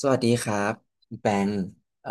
สวัสดีครับคุณแปงเอ่อ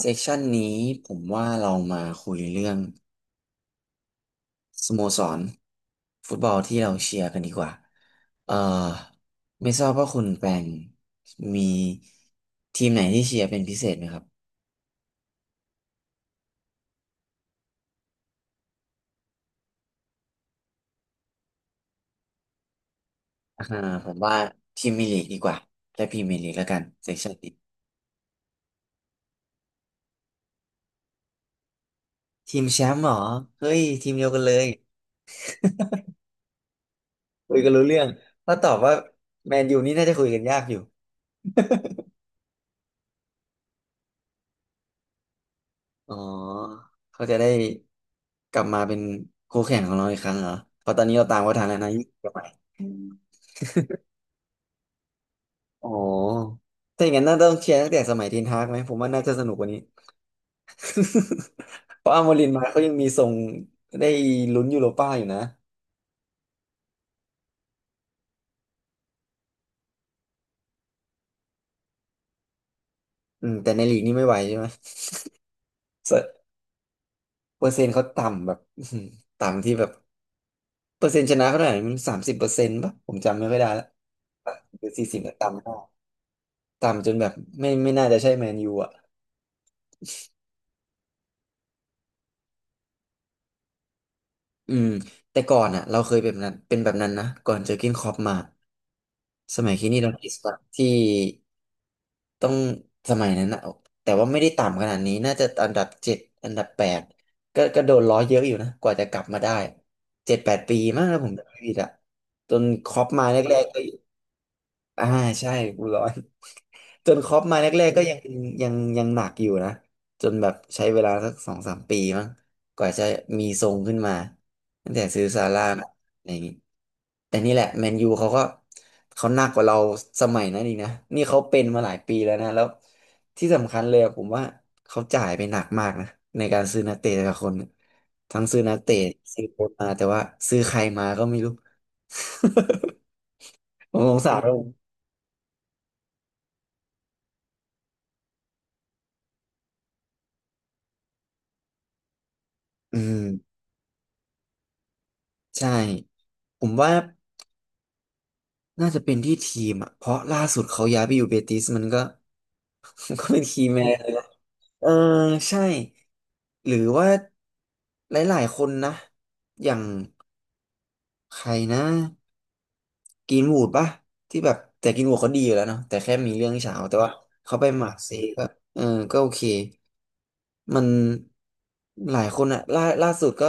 เซสชันนี้ผมว่าเรามาคุยเรื่องสโมสรฟุตบอลที่เราเชียร์กันดีกว่าเอ่อไม่ทราบว่าคุณแปงมีทีมไหนที่เชียร์เป็นพิเศษไหมครับอ่าผมว่าทีมมีลีกดีกว่าและพรีเมียร์ลีกแล้วกันเซสชันนี้ทีมแชมป์เหรอเฮ้ยทีมเดียวกันเลยคุยกันรู้เรื่องถ้าตอบว่าแมนยูนี่น่าจะคุยกันยากอยู่ อ๋อเขาจะได้กลับมาเป็นคู่แข่งของเราอีกครั้งเหรอเพราะตอนนี้เราตามเขาทันแล้วนะ20กว่าไปมอ๋อถ้าอย่างนั้นน่าต้องเชียร์ตั้งแต่สมัยเทนฮากไหมผมว่าน่าจะสนุกกว่านี้ เพราะอาโมรินมาเขายังมีทรงได้ลุ้นยูโรป้าอยู่นะอืมแต่ในลีกนี่ไม่ไหวใช่ไหมเสเปอร์เซ็นต์เขาต่ำแบบ อื้อหือต่ำที่แบบเปอร์เซ็นต์ชนะเขาเท่าไหร่มัน30%ป่ะผมจำไม่ค่อยได้และหรือ40ต่ำมากต่ำจนแบบไม่น่าจะใช่แมนยูอ่ะ อืมแต่ก่อนอ่ะเราเคยเป็นแบบนั้นเป็นแบบนั้นนะก่อนเจอกินคอปมาสมัยคินี่ดอนกิสปะที่ต้องสมัยนั้นนะแต่ว่าไม่ได้ต่ำขนาดนี้น่าจะอันดับ 7อันดับ 8ก็โดนล้อเยอะอยู่นะกว่าจะกลับมาได้7-8 ปีมากนะผมจำไม่ผิดอะจนคอปมาแรกๆก็ อ่าใช่กูร้อน จนครอปมาแรกๆก็ยังยังหนักอยู่นะจนแบบใช้เวลาสัก2-3 ปีมั้งกว่าจะมีทรงขึ้นมาตั้งแต่ซื้อซาร่ามาอะไรอย่างงี้แต่นี่แหละแมนยูเขาก็เขาหนักกว่าเราสมัยนั้นอีกนะนี่เขาเป็นมาหลายปีแล้วนะแล้วที่สำคัญเลยอะผมว่าเขาจ่ายไปหนักมากนะในการซื้อนักเตะแต่ละคนทั้งซื้อนักเตะซื้อโค้ชมาแต่ว่าซื้อใครมาก็ไม่รู้ ผมสงสารเขาอืม ใช่ ผมว่าน่าจะเป็นที่ทีมอ่ะ เพราะล่าสุดเขาย้ายไปอยู่เบติสมันก็ มันก็เป็นคีย์แมนเลยนะเออใช่หรือว่าหลายๆคนนะอย่างใครนะกินวูดปะที่แบบแต่กินวูดเขาดีอยู่แล้วเนาะแต่แค่มีเรื่องเฉาแต่ว่าเขาไปหมาเซย์ก็เออก็โอเคมันหลายคนอะล่าสุดก็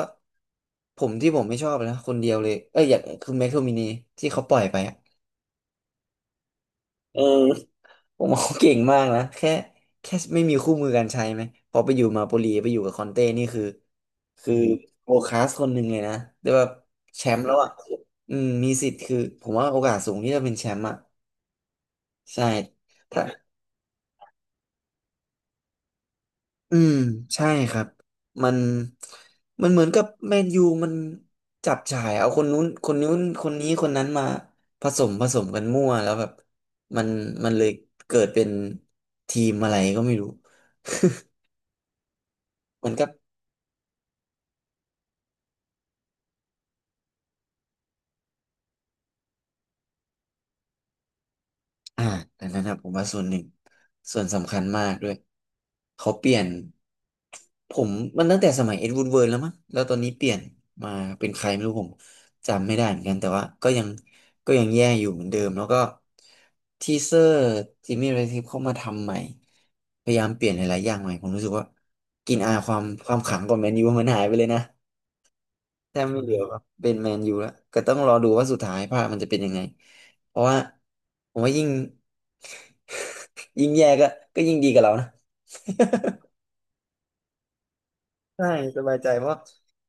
ผมที่ผมไม่ชอบนะคนเดียวเลยเอ้ยอย่างคือแม็กโทมินีที่เขาปล่อยไปอะ เออผมว่าเขาเก่งมากนะแค่ไม่มีคู่มือการใช้ไหมพอไปอยู่มาโปลีไปอยู่กับคอนเต้นี่คือโวคลาสคนหนึ่งเลยนะแต่ว่าแชมป์แล้วอ่ะอืมมีสิทธิ์คือผมว่าโอกาสสูงที่จะเป็นแชมป์อ่ะใช่ถ้าอืมใช่ครับมันมันเหมือนกับแมนยูมันจับฉ่ายเอาคนนู้นคนนู้นคนนี้คนนั้นมาผสมผสมกันมั่วแล้วแบบมันมันเลยเกิดเป็นทีมอะไรก็ไม่รู้มันก็ อ่าอันนั้นนะผมว่าส่วนหนึ่งส่วนสำคัญมากด้วยเขาเปลี่ยนผมมันตั้งแต่สมัยเอ็ดวูดเวิร์ดแล้วมั้งแล้วตอนนี้เปลี่ยนมาเป็นใครไม่รู้ผมจำไม่ได้เหมือนกันแต่ว่าก็ยังแย่อยู่เหมือนเดิมแล้วก็ทีเซอร์จิมมี่เรทิฟเข้ามาทำใหม่พยายามเปลี่ยนหลายๆอย่างใหม่ผมรู้สึกว่ากินอาความขลังของแมนยูมันหายไปเลยนะ แทบไม่เหลือครับเป็นแมนยูแล้วก็ต้องรอดูว่าสุดท้ายภาพมันจะเป็นยังไงเพราะว่าผมว่ายิ่ง ยิ่งแย่ก็ยิ่งดีกับเรานะใช่สบายใจเพราะ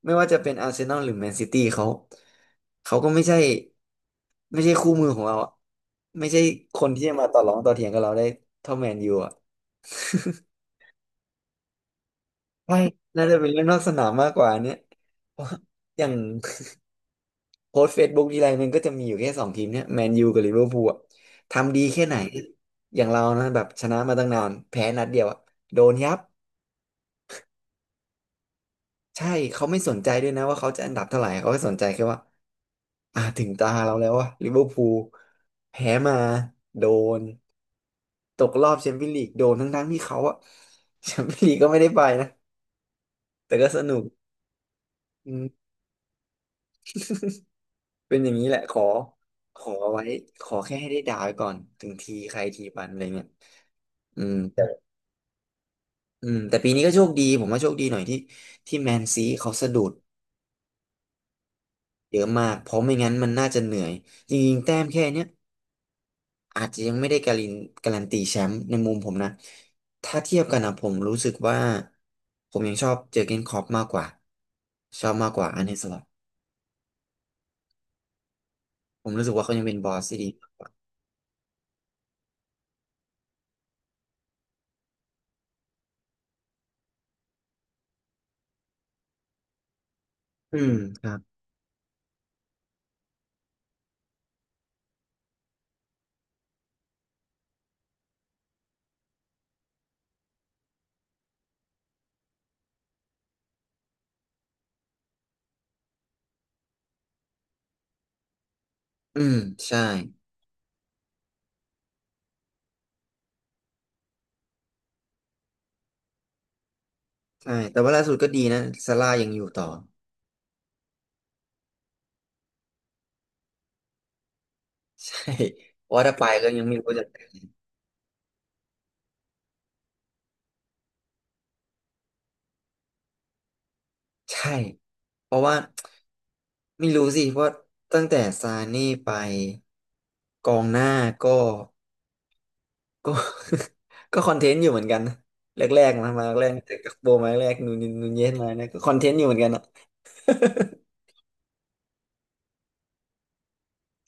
ไม่ว่าจะเป็นอาร์เซนอลหรือแมนซิตี้เขาเขาก็ไม่ใช่คู่มือของเราอะไม่ใช่คนที่จะมาต่อรองต่อเถียงกับเราได้เท่าแมนยูอ่ะใช่น่าจะเป็นเรื่องนอกสนามมากกว่าอันเนี้ยเพราะอย่าง โพสตเฟซบุ๊กทีไรมันก็จะมีอยู่แค่สองทีมเนี่ยแมนยูกับลิเวอร์พูลอะทำดีแค่ไหนอย่างเรานะแบบชนะมาตั้งนานแพ้นัดเดียวอะโดนยับใช่เขาไม่สนใจด้วยนะว่าเขาจะอันดับเท่าไหร่เขาก็สนใจแค่ว่าถึงตาเราแล้วว่าลิเวอร์พูลแพ้มาโดนตกรอบแชมเปี้ยนลีกโดนทั้งๆที่เขาอะ แชมเปี้ยนลีกก็ไม่ได้ไปนะแต่ก็สนุกอืมเป็นอย่างนี้แหละขอขอไว้ขอแค่ให้ได้ด่าไว้ก่อนถึงทีใครทีมันอะไรเงี้ยอืม อืมแต่ปีนี้ก็โชคดีผมว่าโชคดีหน่อยที่แมนซีเขาสะดุดเยอะมากเพราะไม่งั้นมันน่าจะเหนื่อยจริงๆแต้มแค่เนี้ยอาจจะยังไม่ได้การันตีแชมป์ในมุมผมนะถ้าเทียบกันนะผมรู้สึกว่าผมยังชอบเจอร์เก้นคล็อปมากกว่าชอบมากกว่าอันเนสลอตผมรู้สึกว่าเขายังเป็นบอสที่ดีอืมครับอืมใช่ใช่แต่ว่าล่าสุดก็ดีนะซาร่ายังอยู่ต่อ ใช่เพราะว่าถ้าไปก็ยังไม่รู้จะ ใช่ เพราะว่าไม่รู้สิ เพราะตั้งแต่ซานี่ไปกองหน้าก็ก็ ก็คอนเทนต์อยู่เหมือนกันนะแรกๆมาแรกๆแต่กักโบมาแรกๆนูนเย็นมาเนี่ยก็คอนเทนต์อยู่เหมือนกันอะ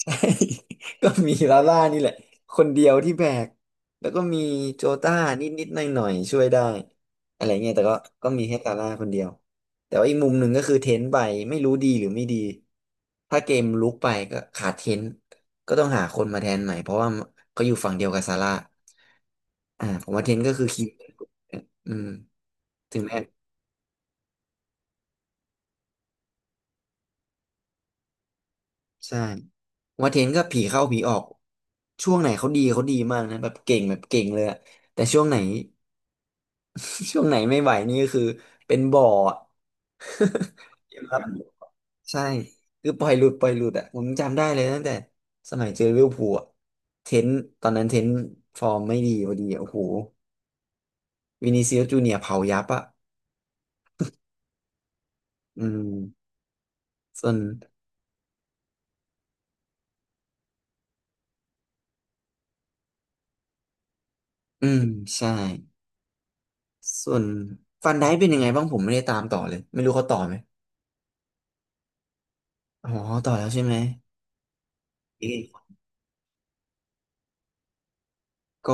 ใช่ ก็มีลาล่านี่แหละคนเดียวที่แบกแล้วก็มีโจต้านิดๆหน่อยๆช่วยได้อะไรเงี้ยแต่ก็ก็มีแค่ลาล่าคนเดียวแต่ว่าอีกมุมหนึ่งก็คือเทนไปไม่รู้ดีหรือไม่ดีถ้าเกมลุกไปก็ขาดเทนก็ต้องหาคนมาแทนใหม่เพราะว่าเขาอยู่ฝั่งเดียวกับซาร่าอ่าผมว่าเทนก็คือคีย์อืมถึงแม้ใช่ผมว่าเทนก็ผีเข้าผีออกช่วงไหนเขาดีเขาดีมากนะแบบเก่งแบบเก่งเลยอะแต่ช่วงไหน ช่วงไหนไม่ไหวนี่ก็คือเป็นบ่ออะ เจ็บครับใช่คือปล่อยหลุดปล่อยหลุดอ่ะผมจำได้เลยตั้งแต่สมัยเจอลิเวอร์พูลอะเทนต์ตอนนั้นเทนต์ฟอร์มไม่ดีพอดีอะโอ้โหวินิซิอุสจูเนียร์เผายับอ่ะอืมส่วนอืมใช่ส่วนฟันไดเป็นยังไงบ้างผมไม่ได้ตามต่อเลยไม่รู้เขาต่อไหมอ๋อต่อแล้วใช่ไหมเอ๊ะก็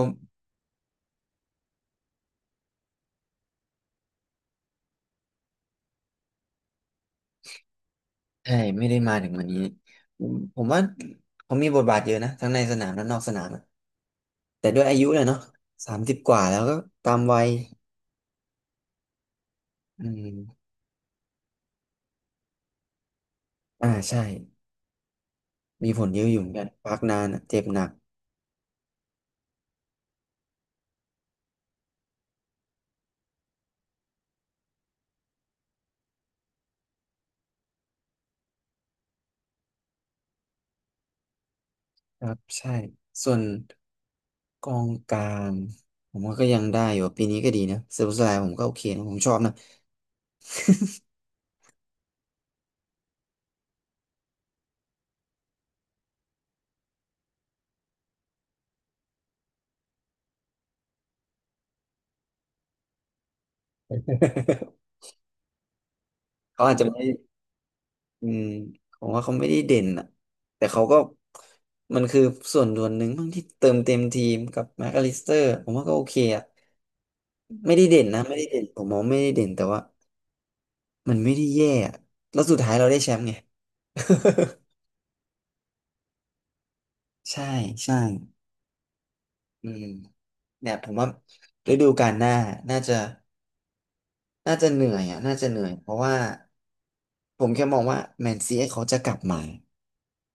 ใช่ไม่ได้มาถึงวันนี้ผมว่าเขามีบทบาทเยอะนะทั้งในสนามและนอกสนาม แต่ด้วยอายุแหละเนาะสามสิบกว่าแล้วก็ตามวัยอืมอ่าใช่มีผลเยอะอยู่เหมือนกันพักนานอะเจ็บหนักครับใช่ส่วนกองกลางผมว่าก็ยังได้อยู่ปีนี้ก็ดีนะเซบูสไลผมก็โอเคนะผมชอบนะ เขาอาจจะไม่อืมผมว่าเขาไม่ได้เด่นอ่ะแต่เขาก็มันคือส่วนหนึ่งบ้างที่เติมเต็มทีมกับแม็กอลิสเตอร์ผมว่าก็โอเคอ่ะไม่ได้เด่นนะไม่ได้เด่นผมมองไม่ได้เด่นแต่ว่า มันไม่ได้แย่อะแล้วสุดท้ายเราได้แชมป์ไง ใช่ใช่อืมเนี่ยผมว่าฤดูกาลหน้าน่าจะน่าจะเหนื่อยอ่ะน่าจะเหนื่อยเพราะว่าผมแค่มองว่าแมนซีเขาจะกลับมา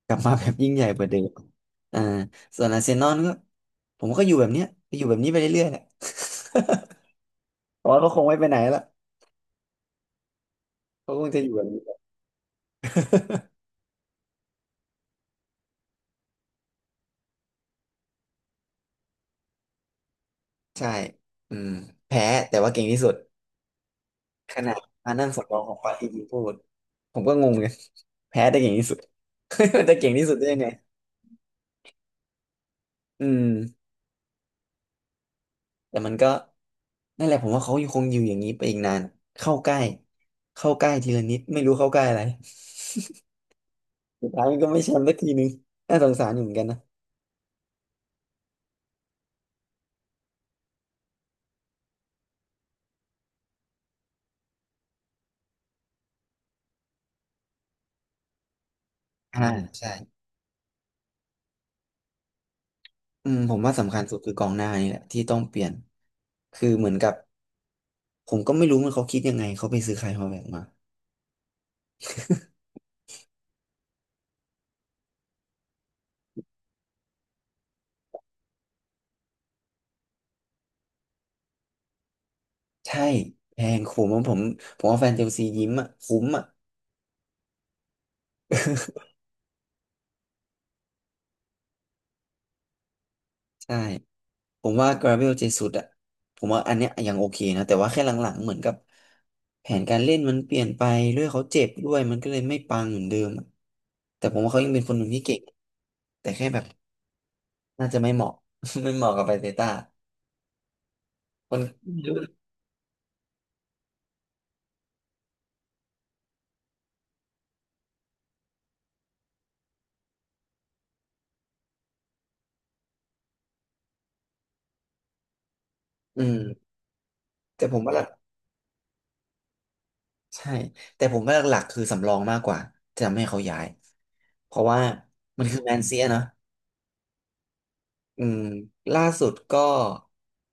กลับมาแบบยิ่งใหญ่กว่าเดิมอ่าส่วนอาร์เซนอลก็ผมก็อยู่แบบเนี้ยก็อยู่แบบนี้ไปเรื่อยๆแหละเพราะว่าเขาคงไม่ไปไหนละเขาคงจะอยู่แบบนี้แหละใช่อืมแพ้แต่ว่าเก่งที่สุดขนาดมานั่งสำรองของปาร์ตี้ลิงพูด ผมก็งงไง แพ้ได้เก่งที่สุด มันจะเก่งที่สุดได้ยังไงอืมแต่มันก็นั่นแหละผมว่าเขายังคงอยู่อย่างนี้ไปอีกนานเข้าใกล้เข้าใกล้ทีละนิดไม่รู้เข้าใกล้อะไร สุดท้ายมันก็ไม่แชมป์สักทีนึงน่าสงสารอยู่เหมือนกันนะอ่าใช่อืมผมว่าสำคัญสุดคือกองหน้านี่แหละที่ต้องเปลี่ยนคือเหมือนกับผมก็ไม่รู้ว่าเขาคิดยังไงเขาไปซื้อใครฮอลแลนด์มาใช่แพงผมว่าผมผมว่าแฟนเชลซียิ้มอ่ะคุ้มอ่ะใช่ ผมว่า Gravel เจสุดอะผมว่าอันเนี้ยยังโอเคนะแต่ว่าแค่หลังๆเหมือนกับแผนการเล่นมันเปลี่ยนไปด้วยเขาเจ็บด้วยมันก็เลยไม่ปังเหมือนเดิมอะแต่ผมว่าเขายังเป็นคนหนึ่งที่เก่งแต่แค่แบบน่าจะไม่เหมาะ ไม่เหมาะกับไปาเตต้าคนไม่รู้อืมแต่ผมว่าหลักใช่แต่ผมว่าหลักๆคือสำรองมากกว่าจะทำให้เขาย้ายเพราะว่ามันคือแมนเซียเนอะอืมล่าสุดก็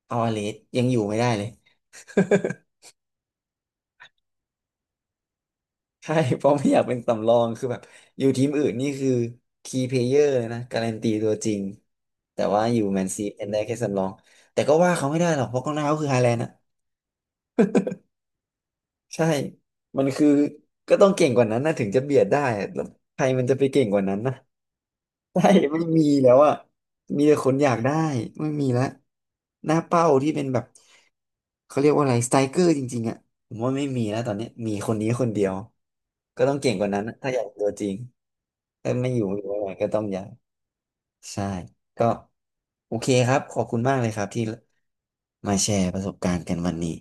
เอาอาเลสยังอยู่ไม่ได้เลย ใช่ เพราะไม่อยากเป็นสำรองคือแบบอยู่ทีมอื่นนี่คือคีย์เพลเยอร์เลยนะการันตีตัวจริงแต่ว่าอยู่แมนซีเป็นได้แค่สำรองแต่ก็ว่าเขาไม่ได้หรอกเพราะกองหน้าเขาคือฮาแลนด์อะใช่มันคือก็ต้องเก่งกว่านั้นนะถึงจะเบียดได้อะแล้วใครมันจะไปเก่งกว่านั้นนะ ใช่ ไม่มีแล้วอ่ะมีแต่คนอยากได้ไม่มีแล้วหน้าเป้าที่เป็นแบบเขาเรียกว่าอะไรสไตรเกอร์จริงๆอ่ะผมว่าไม่มีแล้วตอนนี้มีคนนี้คนเดียวก็ต้องเก่งกว่านั้นอะถ้าอยากตัวจริงถ้าไม่อยู่หรือย่ไม่ไหวก็ต้องย้ายใช่ก็โอเคครับขอบคุณมากเลยครับที่มาแชร์ประสบการณ์กันวันนี้